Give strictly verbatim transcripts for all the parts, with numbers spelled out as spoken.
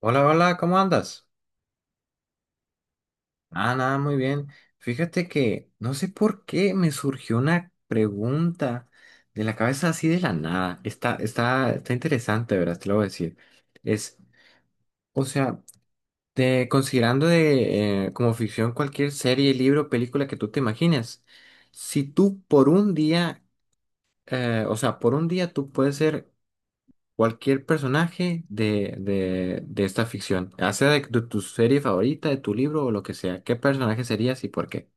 Hola, hola, ¿cómo andas? Ah, nada, muy bien. Fíjate que no sé por qué me surgió una pregunta de la cabeza así de la nada. Está, está, está interesante, ¿verdad? Te lo voy a decir. Es, o sea, te, considerando de, eh, como ficción cualquier serie, libro, película que tú te imagines, si tú por un día, eh, o sea, por un día tú puedes ser cualquier personaje de, de, de esta ficción, ya sea de, de tu serie favorita, de tu libro o lo que sea, ¿qué personaje serías y por qué?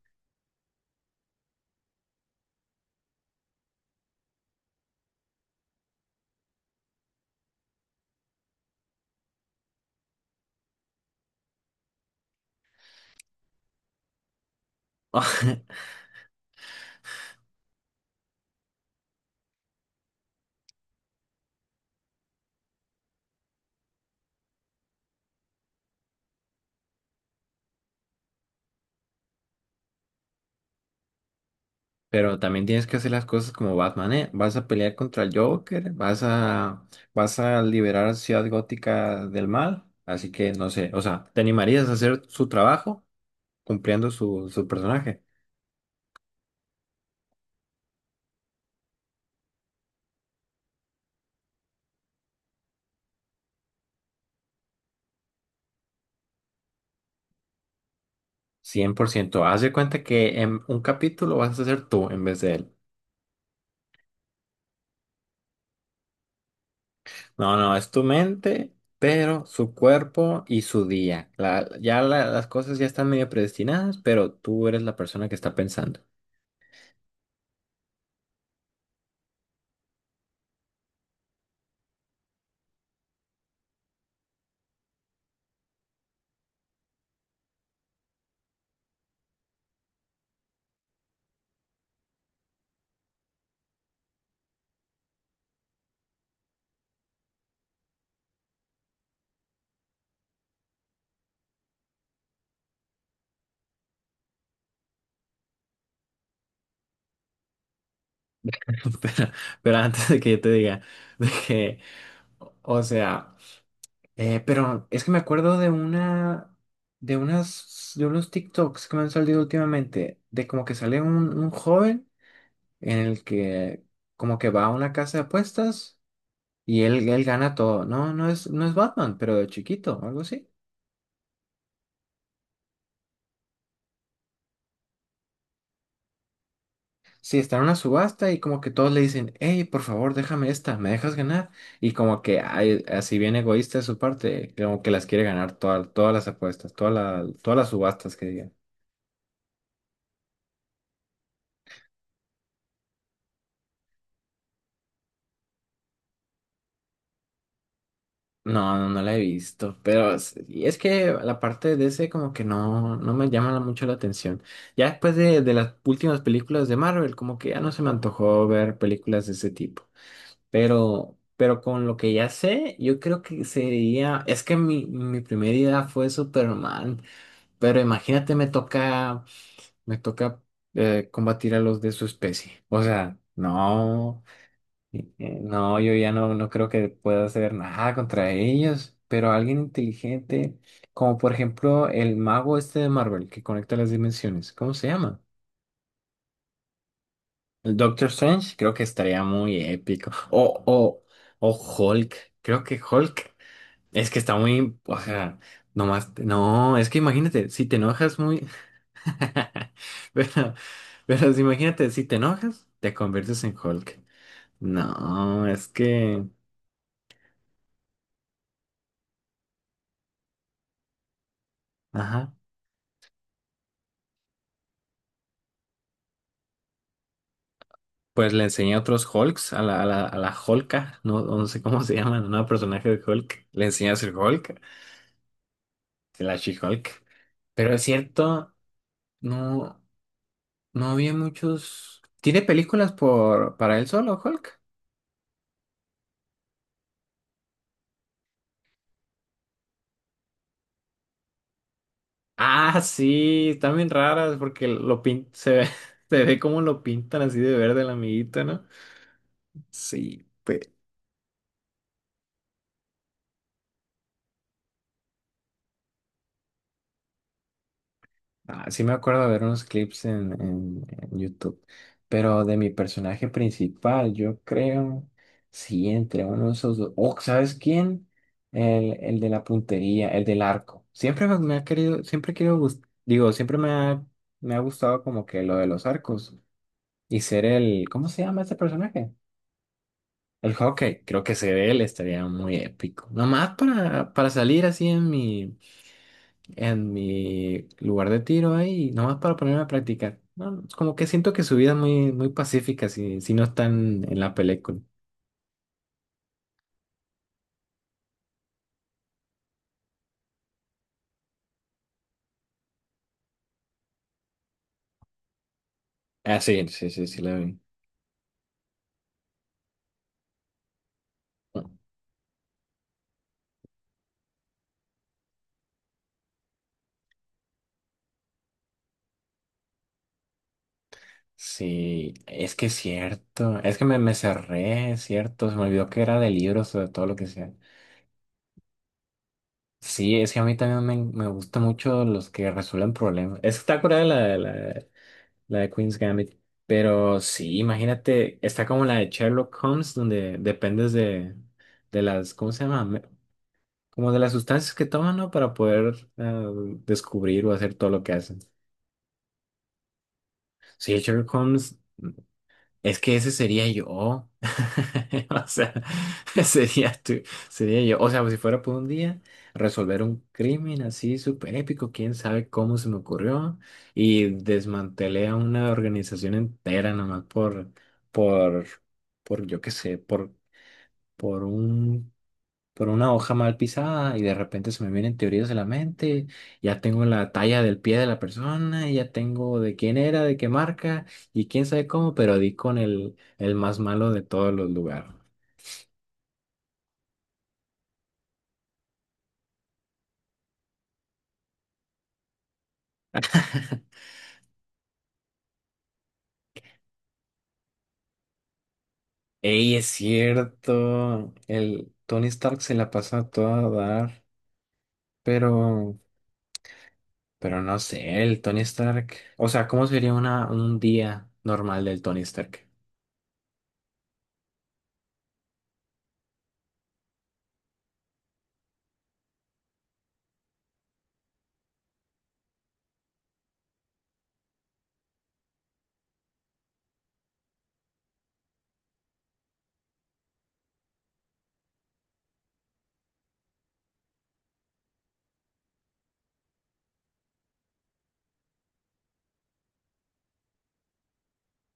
Pero también tienes que hacer las cosas como Batman, ¿eh? Vas a pelear contra el Joker, vas a, vas a liberar a Ciudad Gótica del mal, así que no sé, o sea, ¿te animarías a hacer su trabajo cumpliendo su, su personaje? Cien por ciento. Haz de cuenta que en un capítulo vas a ser tú en vez de él. No, no, es tu mente, pero su cuerpo y su día. La- ya la- las cosas ya están medio predestinadas, pero tú eres la persona que está pensando. Pero, pero antes de que yo te diga, de que, o sea, eh, pero es que me acuerdo de una, de unas, de unos TikToks que me han salido últimamente, de como que sale un, un joven en el que como que va a una casa de apuestas y él, él gana todo. No, no es, no es Batman, pero de chiquito, algo así. Sí, está en una subasta y como que todos le dicen, hey, por favor, déjame esta, ¿me dejas ganar? Y como que ay, así bien egoísta de su parte, como que las quiere ganar todas, todas las apuestas, todas la- todas las subastas que digan. No, no, no la he visto, pero es y es que la parte de ese como que no, no me llama mucho la atención. Ya después de, de las últimas películas de Marvel, como que ya no se me antojó ver películas de ese tipo. Pero, pero con lo que ya sé, yo creo que sería, es que mi, mi primera idea fue Superman. Pero imagínate, me toca, me toca eh, combatir a los de su especie. O sea, no, eh, no, yo ya no, no creo que pueda hacer nada contra ellos. Pero alguien inteligente, como por ejemplo el mago este de Marvel que conecta las dimensiones, ¿cómo se llama? El Doctor Strange, creo que estaría muy épico. O, o, o Hulk, creo que Hulk es que está muy, o sea, nomás, no, es que imagínate, si te enojas muy. Pero, pero si imagínate, si te enojas, te conviertes en Hulk. No, es que, ajá, pues le enseñé a otros Hulks, a la, a la, a la Hulka, no, no sé cómo se llama, no, personaje de Hulk. Le enseñé a ser Hulk, la She-Hulk. Pero es cierto, no, no había muchos. ¿Tiene películas por, para él solo, Hulk? Ah, sí, están bien raras porque lo pin... se ve, se ve cómo lo pintan así de verde el amiguito, ¿no? Sí, pues. Ah, sí me acuerdo de ver unos clips en, en- en YouTube, pero de mi personaje principal, yo creo, sí, entre uno de esos dos. Oh, ¿sabes quién? El, el de la puntería, el del arco. Siempre me me ha querido, siempre quiero, gust- digo, siempre me ha, me ha gustado como que lo de los arcos y ser el, ¿cómo se llama este personaje? El hockey, creo que ser él estaría muy épico. Nomás para, para salir así en mi en mi lugar de tiro ahí, nomás para ponerme a practicar. No, como que siento que su vida es muy, muy pacífica si, si no están en la película. Ah, sí, sí, sí, sí, la vi. Sí, es que es cierto. Es que me, me cerré, es cierto. Se me olvidó que era de libros o de todo lo que sea. Sí, es que a mí también me, me gustan mucho los que resuelven problemas. Es que está curada la, la, la de Queen's Gambit. Pero sí, imagínate, está como la de Sherlock Holmes, donde dependes de, de las, ¿cómo se llama? Me- como de las sustancias que toman, ¿no? Para poder eh, descubrir o hacer todo lo que hacen. Sí, Sherlock Holmes. Es que ese sería yo. O sea, sería tú, sería yo. O sea, pues, si fuera por un día, resolver un crimen así súper épico, quién sabe cómo se me ocurrió. Y desmantelé a una organización entera nomás por, por, por, yo qué sé, por, por un por una hoja mal pisada y de repente se me vienen teorías de la mente, ya tengo la talla del pie de la persona, y ya tengo de quién era, de qué marca y quién sabe cómo, pero di con el, el más malo de todos los lugares. Ey, es cierto, el Tony Stark se la pasa a todo a dar, pero, pero no sé, el Tony Stark, o sea, ¿cómo sería una, un día normal del Tony Stark?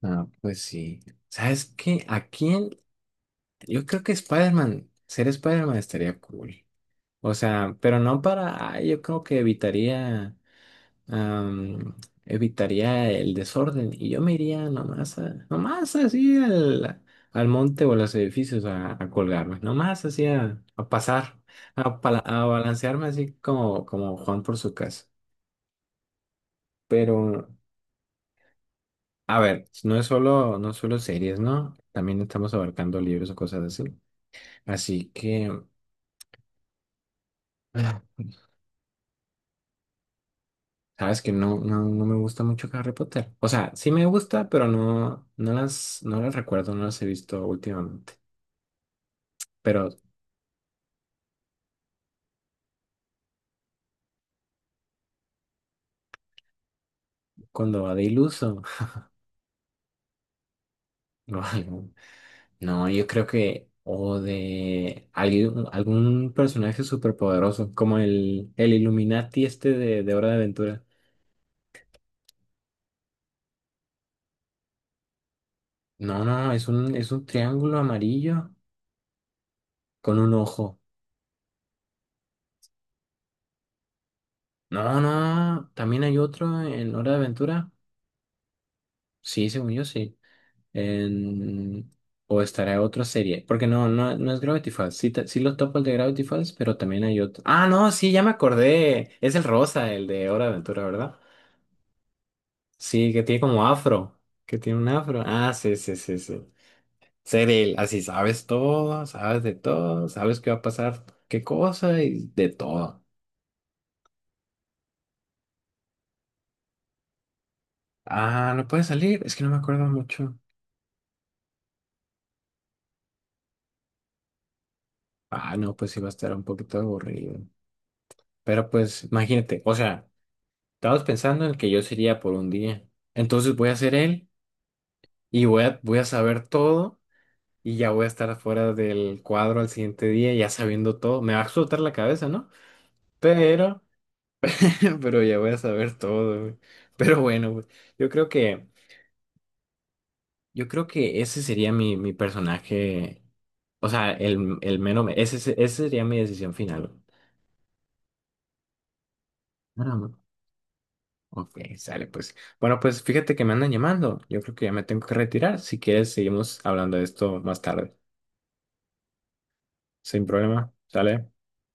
Ah, pues sí. ¿Sabes qué? Aquí yo creo que Spider-Man, ser Spider-Man estaría cool. O sea, pero no para, ay, yo creo que evitaría, am, evitaría el desorden y yo me iría nomás, a- nomás así al, al monte o a los edificios a, a colgarme, nomás así a, a pasar, a, pala- a balancearme así como, como Juan por su casa. Pero, a ver, no es solo, no es solo series, ¿no? También estamos abarcando libros o cosas así. Así que... Sabes que no, no, no me gusta mucho Harry Potter. O sea, sí me gusta, pero no, no las, no las recuerdo, no las he visto últimamente. Pero cuando va de iluso o algo, no, yo creo que, o de algún, algún personaje superpoderoso, como el, el Illuminati este de, de Hora de Aventura. No, no, es un, es un triángulo amarillo con un ojo. No, no, también hay otro en Hora de Aventura. Sí, según yo, sí. En- o estará otra serie, porque no, no, no es Gravity Falls. Sí, ta- sí lo topo el de Gravity Falls, pero también hay otro. Ah, no, sí, ya me acordé. Es el rosa, el de Hora de Aventura, ¿verdad? Sí, que tiene como afro, que tiene un afro. Ah, sí, sí, sí, sí. Ser él, así sabes todo, sabes de todo, sabes qué va a pasar, qué cosa y de todo. Ah, no puede salir, es que no me acuerdo mucho. Ah, no, pues sí va a estar un poquito aburrido. Pero pues, imagínate, o sea. Estabas pensando en el que yo sería por un día. Entonces voy a ser él y voy a, voy a saber todo y ya voy a estar fuera del cuadro al siguiente día, ya sabiendo todo. Me va a explotar la cabeza, ¿no? Pero, pero ya voy a saber todo, güey. Pero bueno, güey, yo creo que, yo creo que ese sería mi, mi personaje. O sea, el, el menos, ese, ese ese sería mi decisión final, güey. Ah, no. Ok, sale pues. Bueno, pues fíjate que me andan llamando. Yo creo que ya me tengo que retirar. Si quieres, seguimos hablando de esto más tarde. Sin problema, sale.